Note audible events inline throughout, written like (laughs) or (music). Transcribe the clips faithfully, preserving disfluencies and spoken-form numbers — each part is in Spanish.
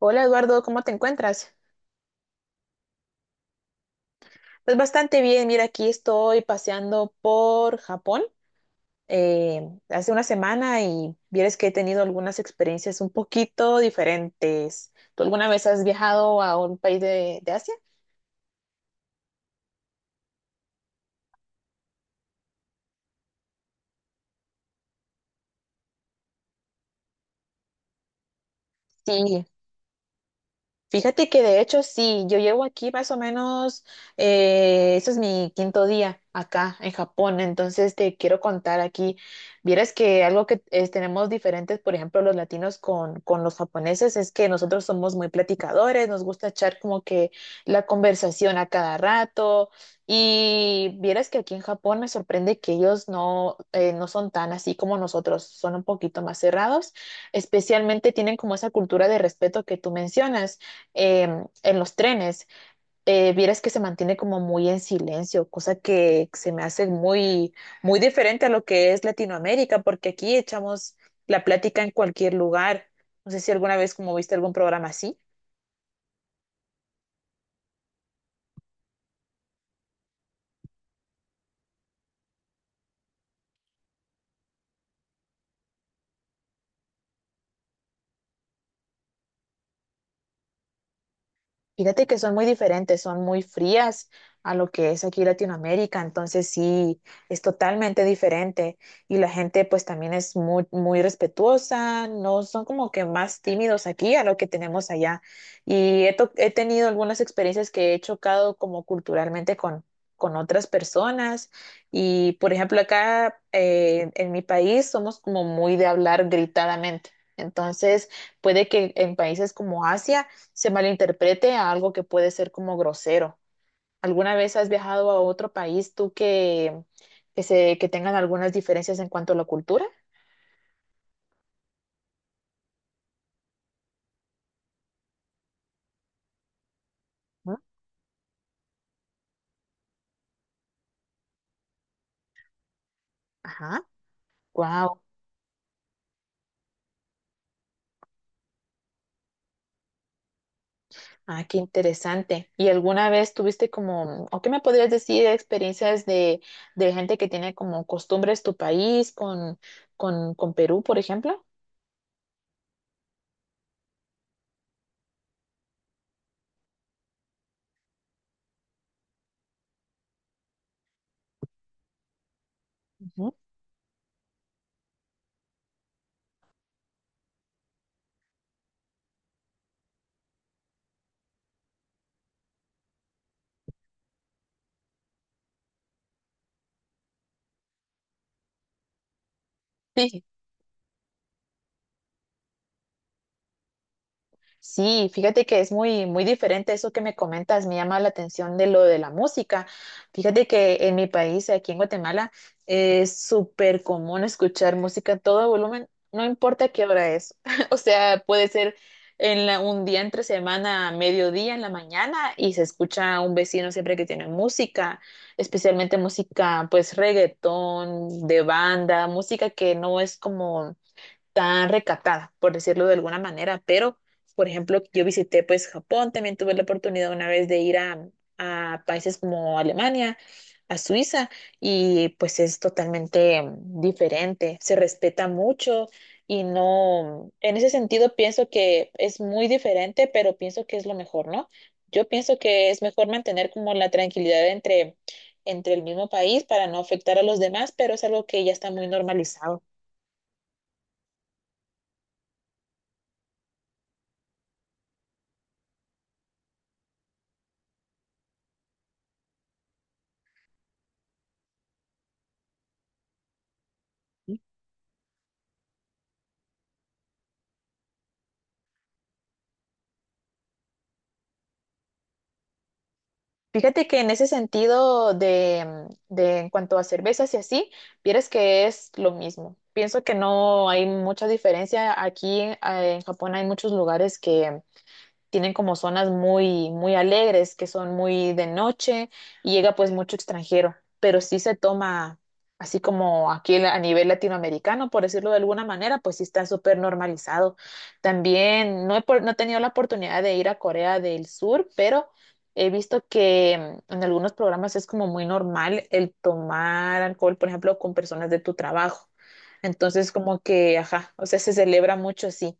Hola Eduardo, ¿cómo te encuentras? Pues bastante bien, mira, aquí estoy paseando por Japón eh, hace una semana y vieres que he tenido algunas experiencias un poquito diferentes. ¿Tú alguna vez has viajado a un país de, de Asia? Sí. Fíjate que de hecho sí, yo llevo aquí más o menos, eh, ese es mi quinto día acá en Japón, entonces te quiero contar aquí, vieras que algo que eh, tenemos diferentes, por ejemplo, los latinos con, con los japoneses, es que nosotros somos muy platicadores, nos gusta echar como que la conversación a cada rato y vieras que aquí en Japón me sorprende que ellos no, eh, no son tan así como nosotros, son un poquito más cerrados, especialmente tienen como esa cultura de respeto que tú mencionas eh, en los trenes, eh, vieras que se mantiene como muy en silencio, cosa que se me hace muy, muy diferente a lo que es Latinoamérica, porque aquí echamos la plática en cualquier lugar. No sé si alguna vez como viste algún programa así. Fíjate que son muy diferentes, son muy frías a lo que es aquí Latinoamérica, entonces sí, es totalmente diferente y la gente pues también es muy, muy respetuosa, no son como que más tímidos aquí a lo que tenemos allá. Y he, to- he tenido algunas experiencias que he chocado como culturalmente con, con otras personas y por ejemplo acá eh, en mi país somos como muy de hablar gritadamente, entonces puede que en países como Asia se malinterprete a algo que puede ser como grosero. ¿Alguna vez has viajado a otro país tú que, que, se, que tengan algunas diferencias en cuanto a la cultura? ¿Mm? Ajá. Wow. Ah, qué interesante. ¿Y alguna vez tuviste como, o qué me podrías decir, experiencias de, de gente que tiene como costumbres tu país con, con, con Perú, por ejemplo? Ujú. Sí. Sí, fíjate que es muy, muy diferente eso que me comentas, me llama la atención de lo de la música. Fíjate que en mi país, aquí en Guatemala, es súper común escuchar música a todo volumen, no importa qué hora es. (laughs) O sea, puede ser en la- un día entre semana, a mediodía, en la mañana, y se escucha a un vecino siempre que tiene música, especialmente música, pues reggaetón, de banda, música que no es como tan recatada, por decirlo de alguna manera, pero, por ejemplo, yo visité pues Japón, también tuve la oportunidad una vez de ir a, a países como Alemania, a Suiza, y pues es totalmente mm, diferente, se respeta mucho y no, en ese sentido pienso que es muy diferente, pero pienso que es lo mejor, ¿no? Yo pienso que es mejor mantener como la tranquilidad entre, entre el mismo país para no afectar a los demás, pero es algo que ya está muy normalizado. Fíjate que en ese sentido de, de en cuanto a cervezas y así, vieras que es lo mismo. Pienso que no hay mucha diferencia. Aquí eh, en Japón hay muchos lugares que tienen como zonas muy, muy alegres, que son muy de noche, y llega pues mucho extranjero, pero sí se toma, así como aquí a nivel latinoamericano, por decirlo de alguna manera, pues sí está súper normalizado. También no he, por- no he tenido la oportunidad de ir a Corea del Sur, pero he visto que mm, en algunos programas es como muy normal el tomar alcohol, por ejemplo, con personas de tu trabajo. Entonces, como que, ajá, o sea, se celebra mucho así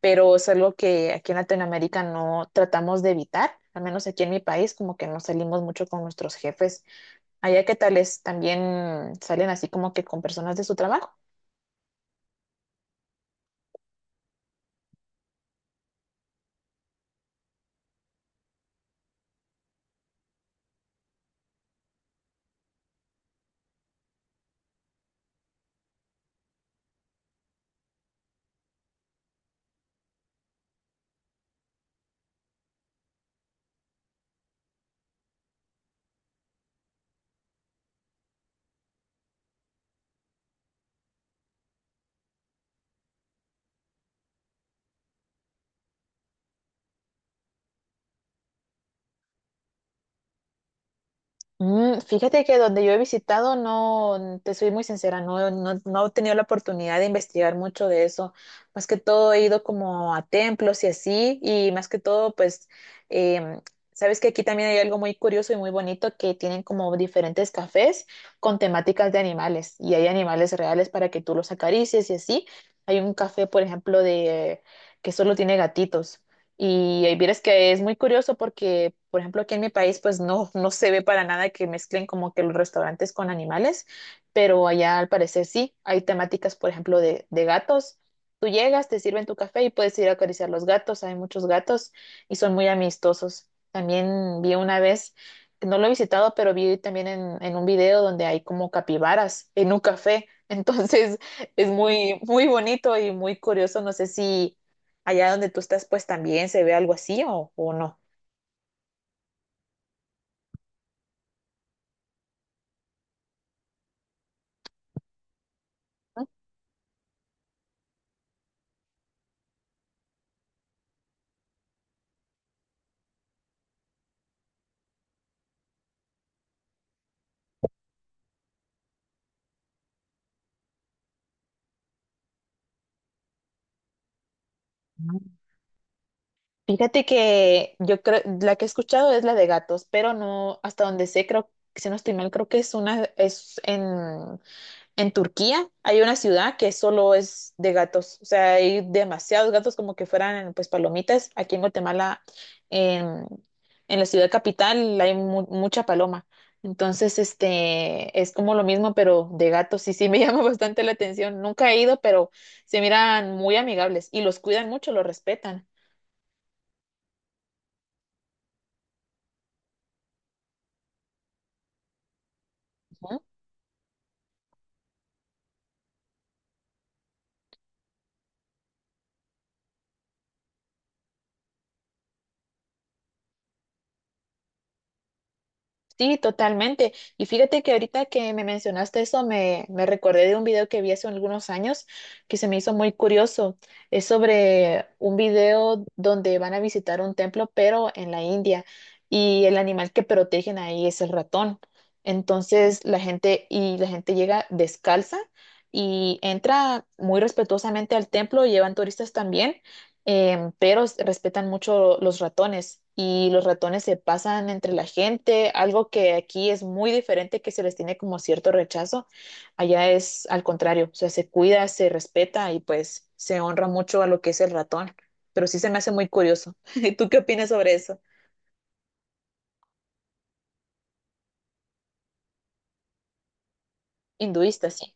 pero es algo que aquí en Latinoamérica no tratamos de evitar, al menos aquí en mi país, como que no salimos mucho con nuestros jefes. Allá, ¿qué tal es? ¿También salen así como que con personas de su trabajo? Mm, fíjate que donde yo he visitado, no, te soy muy sincera, no, no, no he tenido la oportunidad de investigar mucho de eso. Más que todo he ido como a templos y así, y más que todo, pues, em, sabes que aquí también hay algo muy curioso y muy bonito que tienen como diferentes cafés con temáticas de animales, y hay animales reales para que tú los acaricies y así. Hay un café, por ejemplo, de que solo tiene gatitos. Y ahí vieras que es muy curioso porque, por ejemplo, aquí en mi país, pues no, no se ve para nada que mezclen como que los restaurantes con animales, pero allá al parecer sí, hay temáticas, por ejemplo, de, de gatos. Tú llegas, te sirven tu café y puedes ir a acariciar los gatos, hay muchos gatos y son muy amistosos. También vi una vez, no lo he visitado, pero vi también en, en un video donde hay como capibaras en un café. (laughs) Entonces es muy, muy bonito y muy curioso. No sé si allá donde tú estás, pues también se ve algo así o, o no. Mm. Fíjate que yo creo, la que he escuchado es la de gatos, pero no, hasta donde sé, creo, si no estoy mal, creo que es una, es en En Turquía hay una ciudad que solo es de gatos, o sea, hay demasiados gatos como que fueran pues palomitas. Aquí en Guatemala, en, en la ciudad capital, hay mu- mucha paloma. Entonces, este, es como lo mismo, pero de gatos. Y sí me (laughs) llama bastante la atención. Nunca he ido, pero se miran muy amigables y los cuidan mucho, los respetan. Sí, totalmente. Y fíjate que ahorita que me mencionaste eso, me, me recordé de un video que vi hace algunos años que se me hizo muy curioso. Es sobre un video donde van a visitar un templo, pero en la India, y el animal que protegen ahí es el ratón. Entonces la gente, y la gente llega descalza y entra muy respetuosamente al templo, llevan turistas también em, pero s- respetan mucho los ratones y los ratones se pasan entre la gente, algo que aquí es muy diferente, que se les tiene como cierto rechazo, allá es al contrario, o sea, se cuida, se respeta y pues se honra mucho a lo que es el ratón, pero sí se me hace muy curioso. (laughs) ¿Tú qué opinas sobre eso? Hinduista, sí.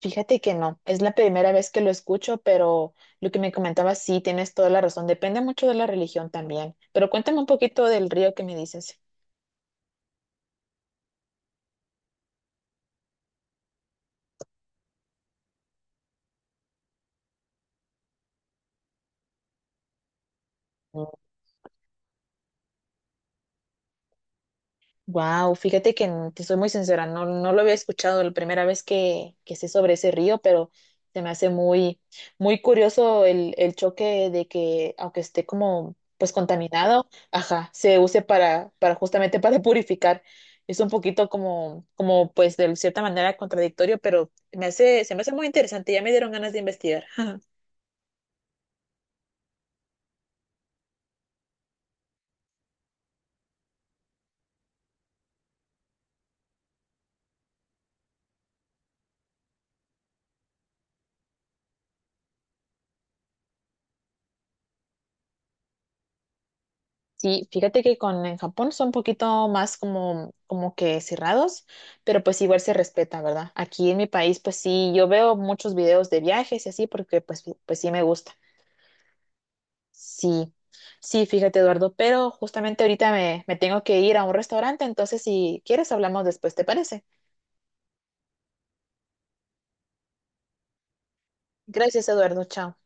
Fíjate que no, es la primera vez que lo escucho, pero lo que me comentabas, sí, tienes toda la razón, depende mucho de la religión también. Pero cuéntame un poquito del río que me dices. Wow, fíjate que n- te soy muy sincera, no, no lo había escuchado la primera vez que, que sé sobre ese río, pero se me hace muy, muy curioso el, el choque de que, aunque esté como pues contaminado, ajá, se use para, para justamente (laughs) para purificar. Es un poquito como, como pues de cierta manera contradictorio, pero me hace, se me hace muy interesante, ya me dieron ganas de investigar. (laughs) Sí, fíjate que con en Japón son un poquito más como, como que cerrados, pero pues igual se respeta, ¿verdad? Aquí en mi país, pues sí, yo veo muchos videos de viajes y así, porque pues, pues sí me gusta. Sí, sí, fíjate, Eduardo, pero justamente ahorita me, me tengo que ir a un restaurante, entonces si quieres hablamos después, ¿te parece? Gracias, Eduardo, chao.